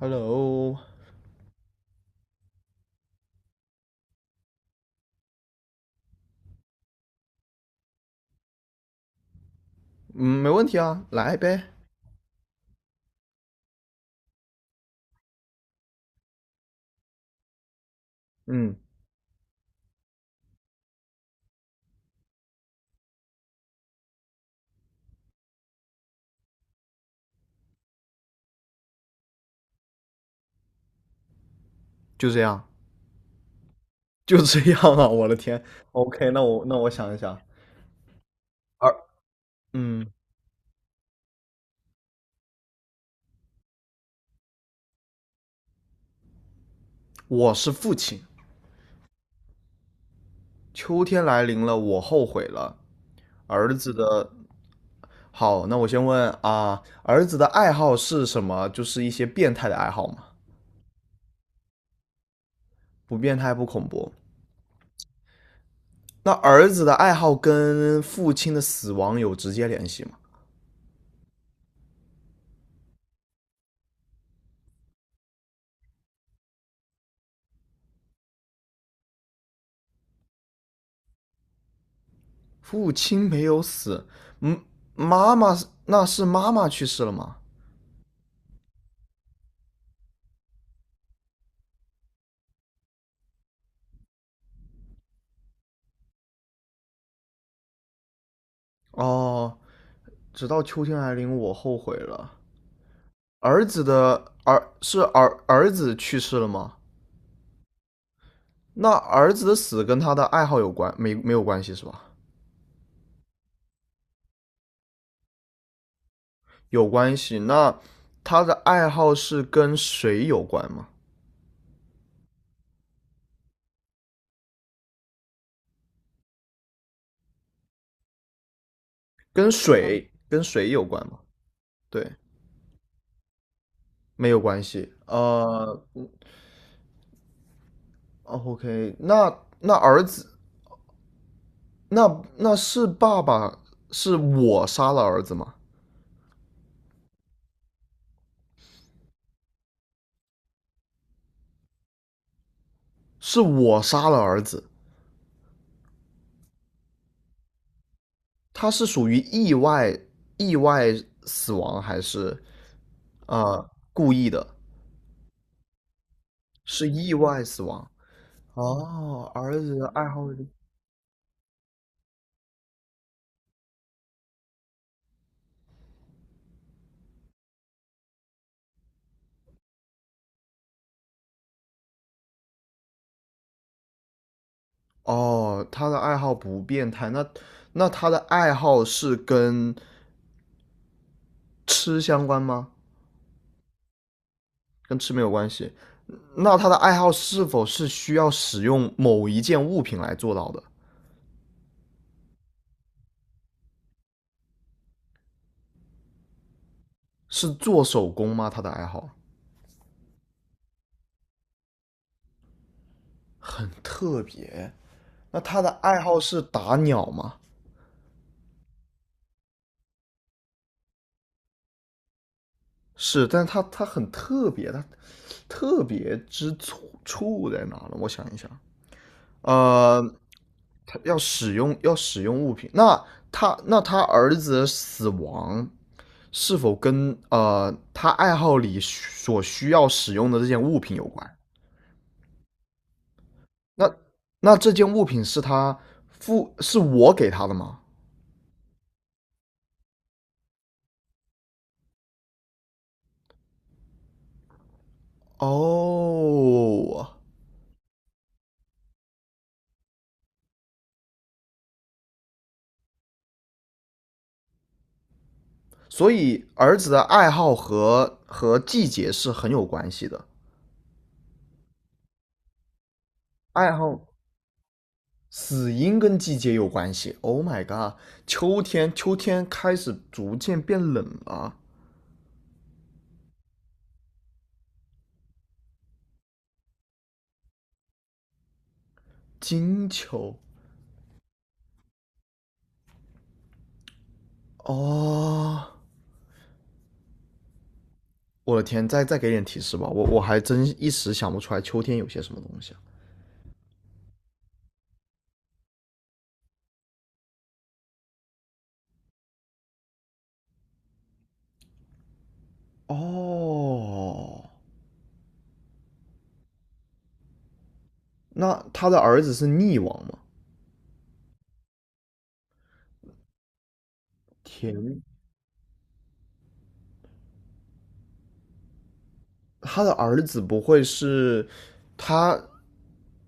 Hello，嗯，没问题啊，来呗。嗯，就这样，就这样啊！我的天，OK,那我想一想，儿，嗯，我是父亲，秋天来临了，我后悔了。儿子的，好，那我先问啊，儿子的爱好是什么？就是一些变态的爱好吗？不变态，不恐怖。那儿子的爱好跟父亲的死亡有直接联系吗？父亲没有死，嗯，妈妈是那是妈妈去世了吗？哦，直到秋天来临，我后悔了。儿子去世了吗？那儿子的死跟他的爱好有关没没有关系是吧？有关系。那他的爱好是跟水有关吗？跟水有关吗？对，没有关系。O k 那那儿子那那是爸爸是我杀了儿子吗？是我杀了儿子。他是属于意外死亡还是故意的？是意外死亡。哦，儿子的爱好是哦，他的爱好不变态，那他的爱好是跟吃相关吗？跟吃没有关系。那他的爱好是否是需要使用某一件物品来做到的？是做手工吗？他的爱好特别。那他的爱好是打鸟吗？是，但是它很特别，它特别之处在哪呢？我想一想，呃，他要使用物品，那他儿子的死亡是否跟他爱好里所需要使用的这件物品有关？那那这件物品是是我给他的吗？哦，所以儿子的爱好和季节是很有关系的。爱好死因跟季节有关系。Oh my god,秋天，秋天开始逐渐变冷了。金秋，哦，我的天，再给点提示吧，我还真一时想不出来秋天有些什么东西啊哦，那他的儿子是溺亡吗？田他的儿子不会是他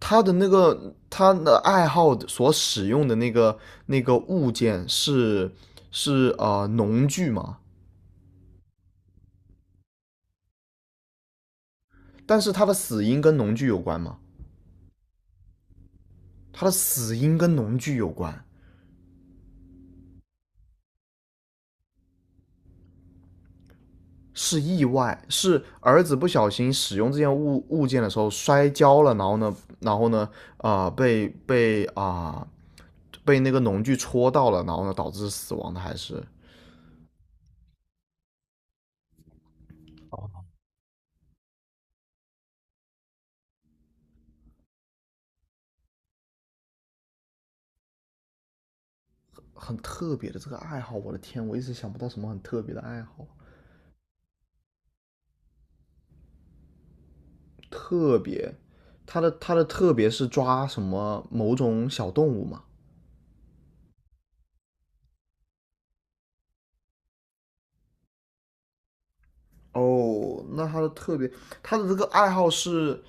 他的那个他的爱好所使用的那个物件是是农具吗？但是他的死因跟农具有关吗？他的死因跟农具有关，是意外，是儿子不小心使用这件物件的时候摔跤了，然后呢，然后呢，啊被那个农具戳到了，然后呢导致死亡的，还是很特别的这个爱好，我的天，我一直想不到什么很特别的爱好。特别，他的特别是抓什么某种小动物嘛？哦，那他的特别，他的这个爱好是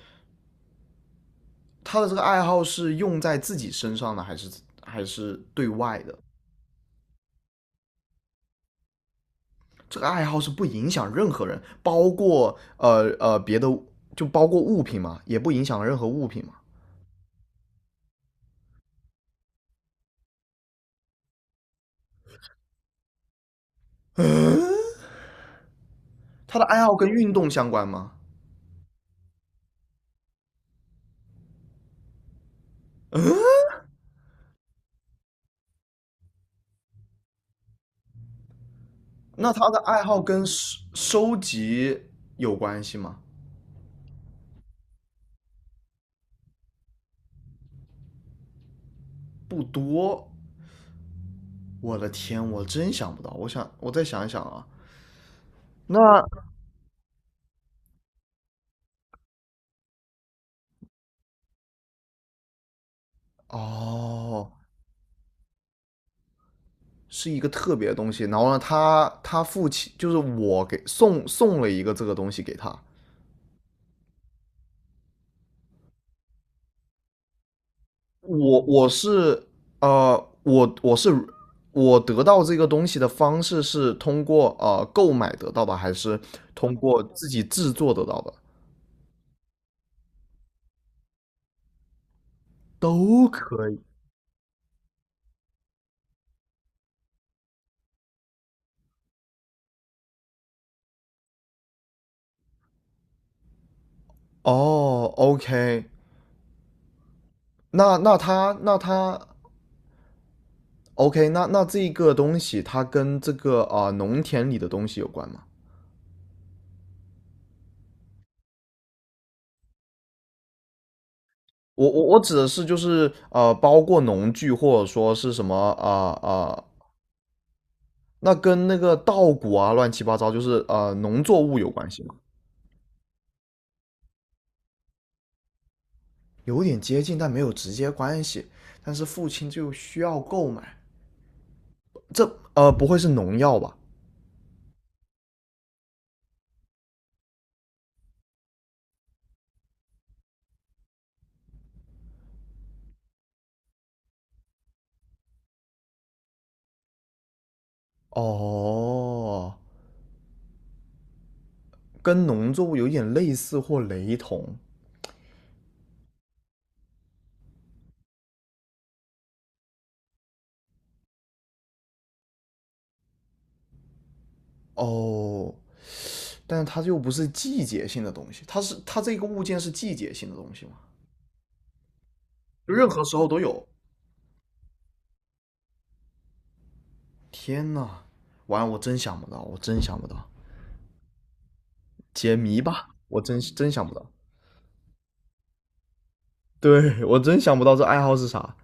他的这个爱好是用在自己身上的，还是还是对外的？这个爱好是不影响任何人，包括别的，就包括物品嘛，也不影响任何物品嘛。嗯，他的爱好跟运动相关吗？那他的爱好跟收集有关系吗？不多。我的天，我真想不到。我想，我再想一想啊。那哦，是一个特别的东西。然后呢，他父亲就是我给送了一个这个东西给他。我我是呃，我我是我得到这个东西的方式是通过购买得到的，还是通过自己制作得到的？都可以。哦，OK,那那它那它 OK,那那这个东西它跟这个农田里的东西有关吗？我指的是就是包括农具或者说是什么那跟那个稻谷啊乱七八糟就是农作物有关系吗？有点接近，但没有直接关系。但是父亲就需要购买，这不会是农药吧？哦，跟农作物有点类似或雷同哦。但是它又不是季节性的东西，它是它这个物件是季节性的东西嘛，就任何时候都有。天呐，完了，我真想不到，我真想不到，解谜吧，我真想不到。对我真想不到这爱好是啥，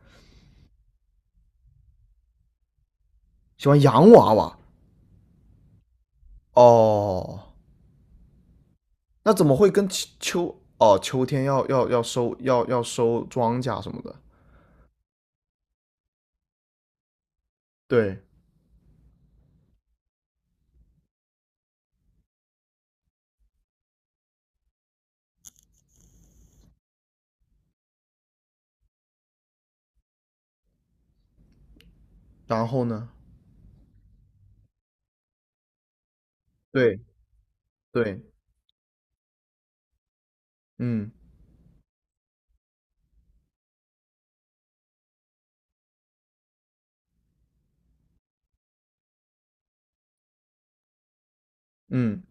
喜欢洋娃娃哦，那怎么会跟秋哦秋天要收庄稼什么的？对，然后呢？对对，嗯嗯，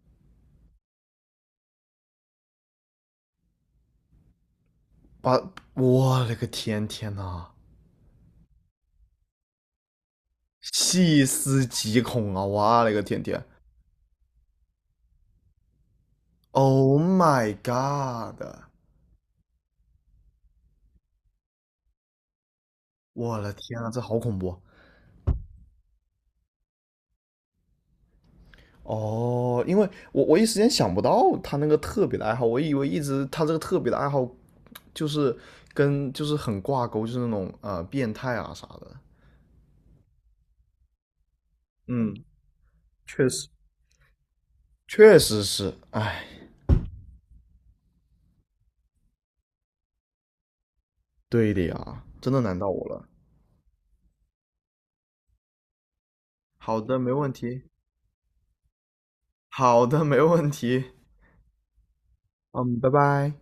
把我勒个天，天呐！细思极恐啊！哇嘞个天，Oh my god!我的天啊，这好恐怖啊哦！因为我一时间想不到他那个特别的爱好，我以为一直他这个特别的爱好就是跟就是很挂钩，就是那种变态啊啥的。嗯，确实，确实是，哎，对的呀，真的难到我了。好的，没问题。好的，没问题。嗯，拜拜。